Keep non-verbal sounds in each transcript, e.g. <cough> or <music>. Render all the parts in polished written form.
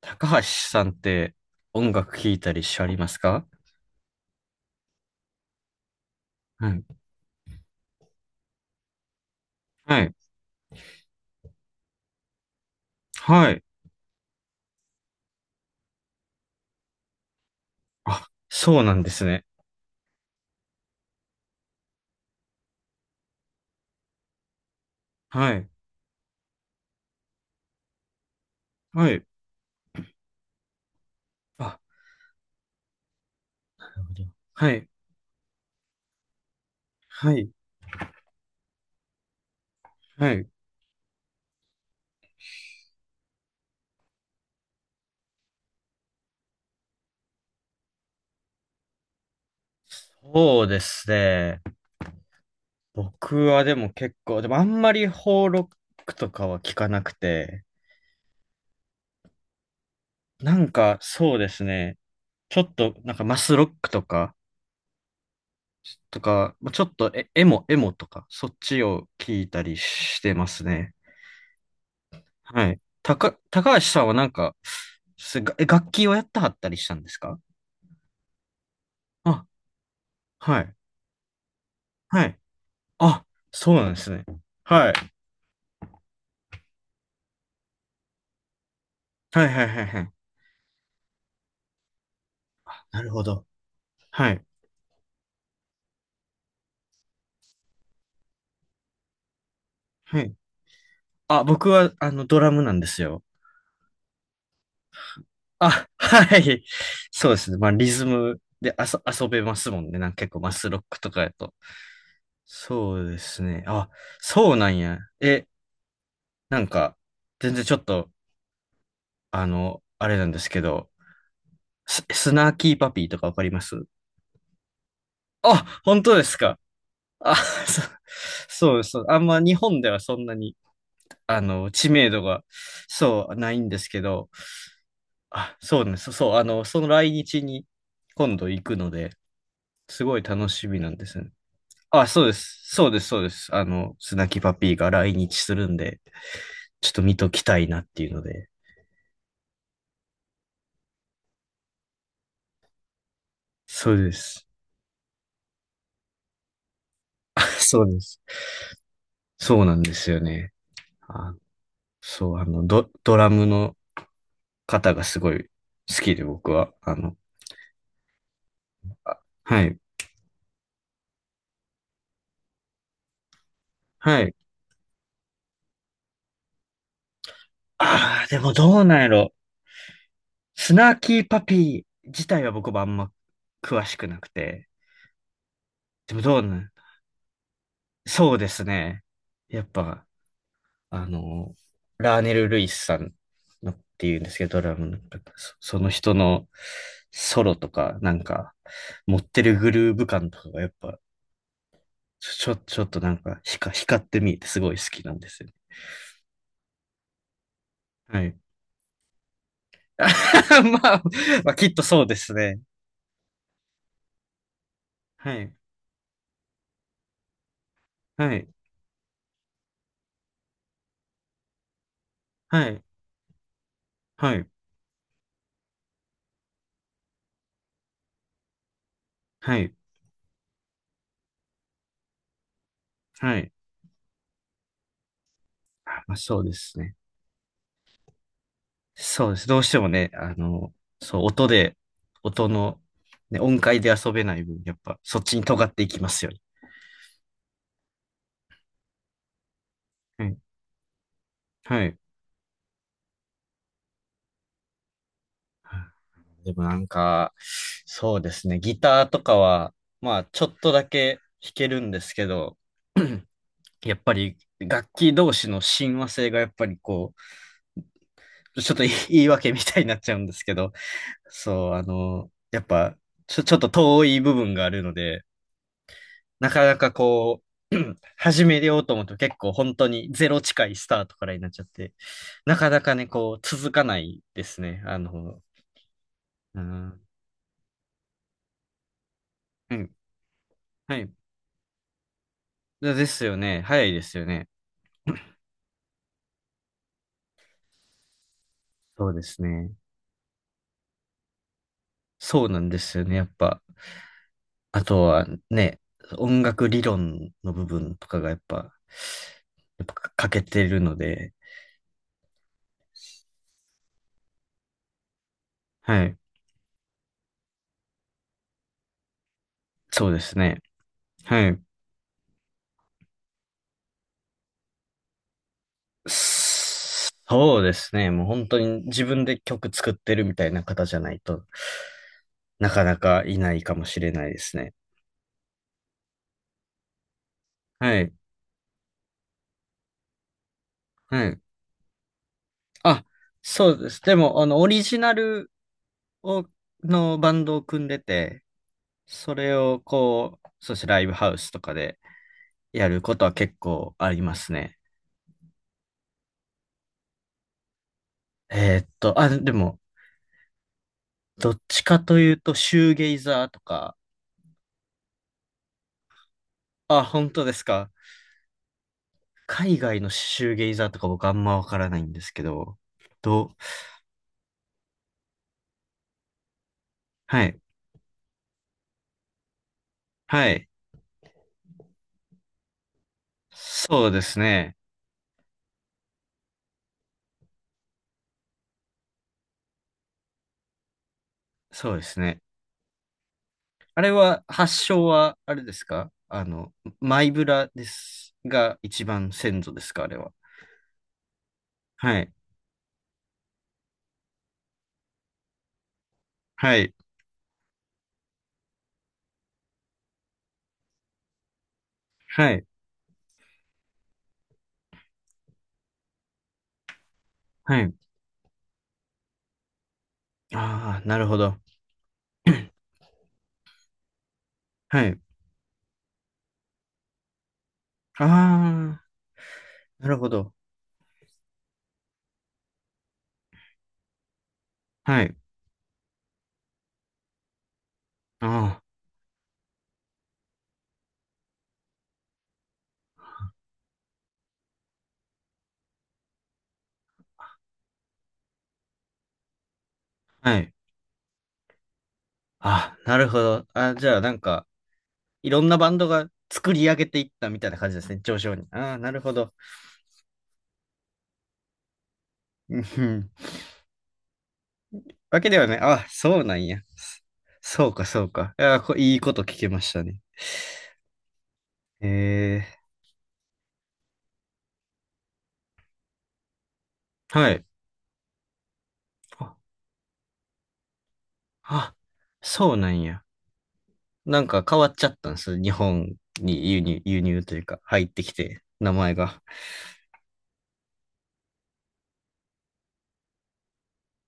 高橋さんって音楽聴いたりしありますか？はい。はい。はい。あ、そうなんですね。はい。はい。あ、なるほど。はい。はい。はい。そうですね。僕はでも結構、でもあんまり邦ロックとかは聞かなくて、なんかそうですね。ちょっとなんかマスロックとか、まあちょっとエモとか、そっちを聞いたりしてますね。はい。高橋さんはなんか、すがえ楽器をやったはったりしたんですか？あ、はい。はい。あ、そうなんですね。はい。はいはいはいはい。なるほど。はい。はい。あ、僕は、あの、ドラムなんですよ。あ、はい。そうですね。まあ、リズムで遊べますもんね。なんか結構マスロックとかやと。そうですね。あ、そうなんや。え、なんか、全然ちょっと、あの、あれなんですけど、スナーキーパピーとかわかります？あ、本当ですか。あ、そ、そうそう。あんま日本ではそんなに、あの、知名度が、そう、ないんですけど、あ、そうね、そう、そうあの、その来日に今度行くので、すごい楽しみなんですね。あ、そうです。そうです、そうです。あの、スナキパピーが来日するんで、ちょっと見ときたいなっていうので、そうです。あ、そうです。そうなんですよね。あ、そう、あの、ドラムの方がすごい好きで、僕は、あの、はい。はい。ああ、でもどうなんやろ。スナーキーパピー自体は僕もあんま詳しくなくて。でもどうなん。そうですね。やっぱ、あの、ラーネル・ルイスさんのっていうんですけど、ドラムの方その人のソロとか、なんか、持ってるグルーヴ感とかがやっぱ、ちょっとなんか光って見えてすごい好きなんですよね。はい。<laughs> まあ、まあ、きっとそうですね。はい。はい。はい。はい。はい。はい。あまあ、そうですね。そうです。どうしてもね、あの、そう、音の、ね、音階で遊べない分、やっぱ、そっちに尖っていきますよね。はい。はい。でもなんか、そうですね。ギターとかは、まあ、ちょっとだけ弾けるんですけど、やっぱり、楽器同士の親和性がやっぱりこう、ちょっと<laughs> 言い訳みたいになっちゃうんですけど、そう、あの、やっぱ、ちょっと遠い部分があるので、なかなかこう、<clears throat> 始めようと思うと結構本当にゼロ近いスタートからになっちゃって、なかなかね、こう、続かないですね。あの、うん、はい、はい。ですよね。早いですよね。そうですね。そうなんですよね。やっぱ、あとはね、音楽理論の部分とかがやっぱ、欠けてるので、はい。そうですね。はい。そうですね。もう本当に自分で曲作ってるみたいな方じゃないとなかなかいないかもしれないですね。はい。はい。あ、そうです。でも、あの、オリジナルを、のバンドを組んでて、それをこう、そしてライブハウスとかでやることは結構ありますね。あ、でも、どっちかというと、シューゲイザーとか、あ、本当ですか。海外のシューゲイザーとか僕あんまわからないんですけど、どう、はい、はい、そうですね、そうですね。あれは、発祥は、あれですか、あの、マイブラですが、一番先祖ですかあれは？はい、はい、はい、はい。ああ、なるほど。はい。ああ、なるほど。はい。ああ、はい。ああ、なるほど。あ、じゃあ、なんか、いろんなバンドが作り上げていったみたいな感じですね、上昇に。ああ、なるほど。うんふん。わけではね、あ、そうなんや。そうか、そうか。いや、いいこと聞けましたね。えー、はい。あ、あ、そうなんや。なんか変わっちゃったんです。日本に輸入、輸入というか、入ってきて、名前が。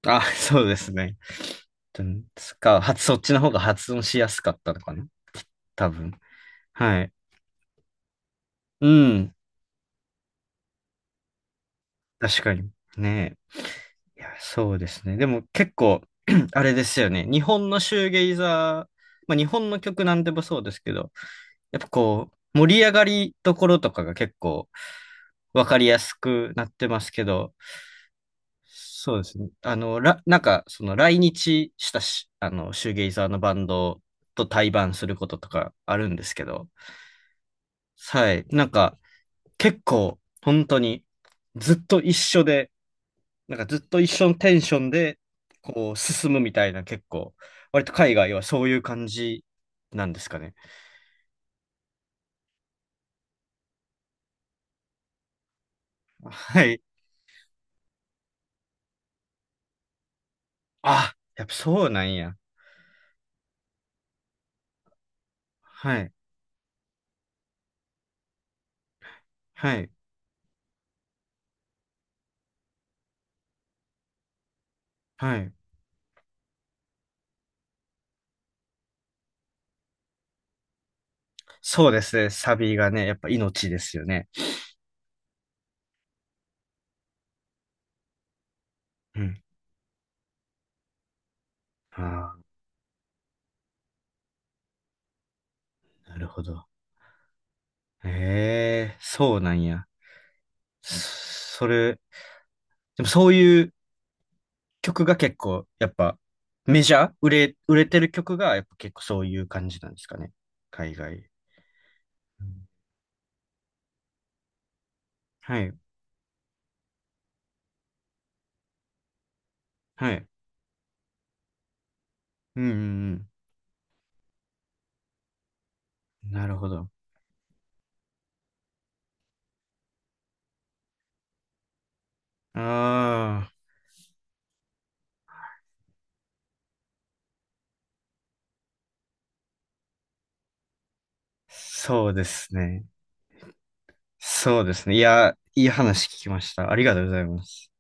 あ、そうですね。うん、そっか、はそっちの方が発音しやすかったのかな多分。はい。うん。確かに。ねえ。いや、そうですね。でも結構、<clears throat> あれですよね。日本のシューゲイザー、まあ日本の曲なんでもそうですけど、やっぱこう、盛り上がりどころとかが結構わかりやすくなってますけど、そうですね。あの、なんか、その来日したし、あの、シューゲイザーのバンドと対バンすることとかあるんですけど、はい。なんか、結構、本当に、ずっと一緒で、なんかずっと一緒のテンションで、こう、進むみたいな、結構、割と海外はそういう感じなんですかね。はい。あ、やっぱそうなんや。はい。はい。はい。そうですね。サビがね、やっぱ命ですよね。うん。ああ、なるほど。ええ、そうなんや。それ、でもそういう曲が結構、やっぱ、メジャー売れてる曲が、やっぱ結構そういう感じなんですかね。海外。うんはい。はい。うんうんうん。なるほど。ああ、そうですね。そうですね。いや、いい話聞きました。ありがとうございます。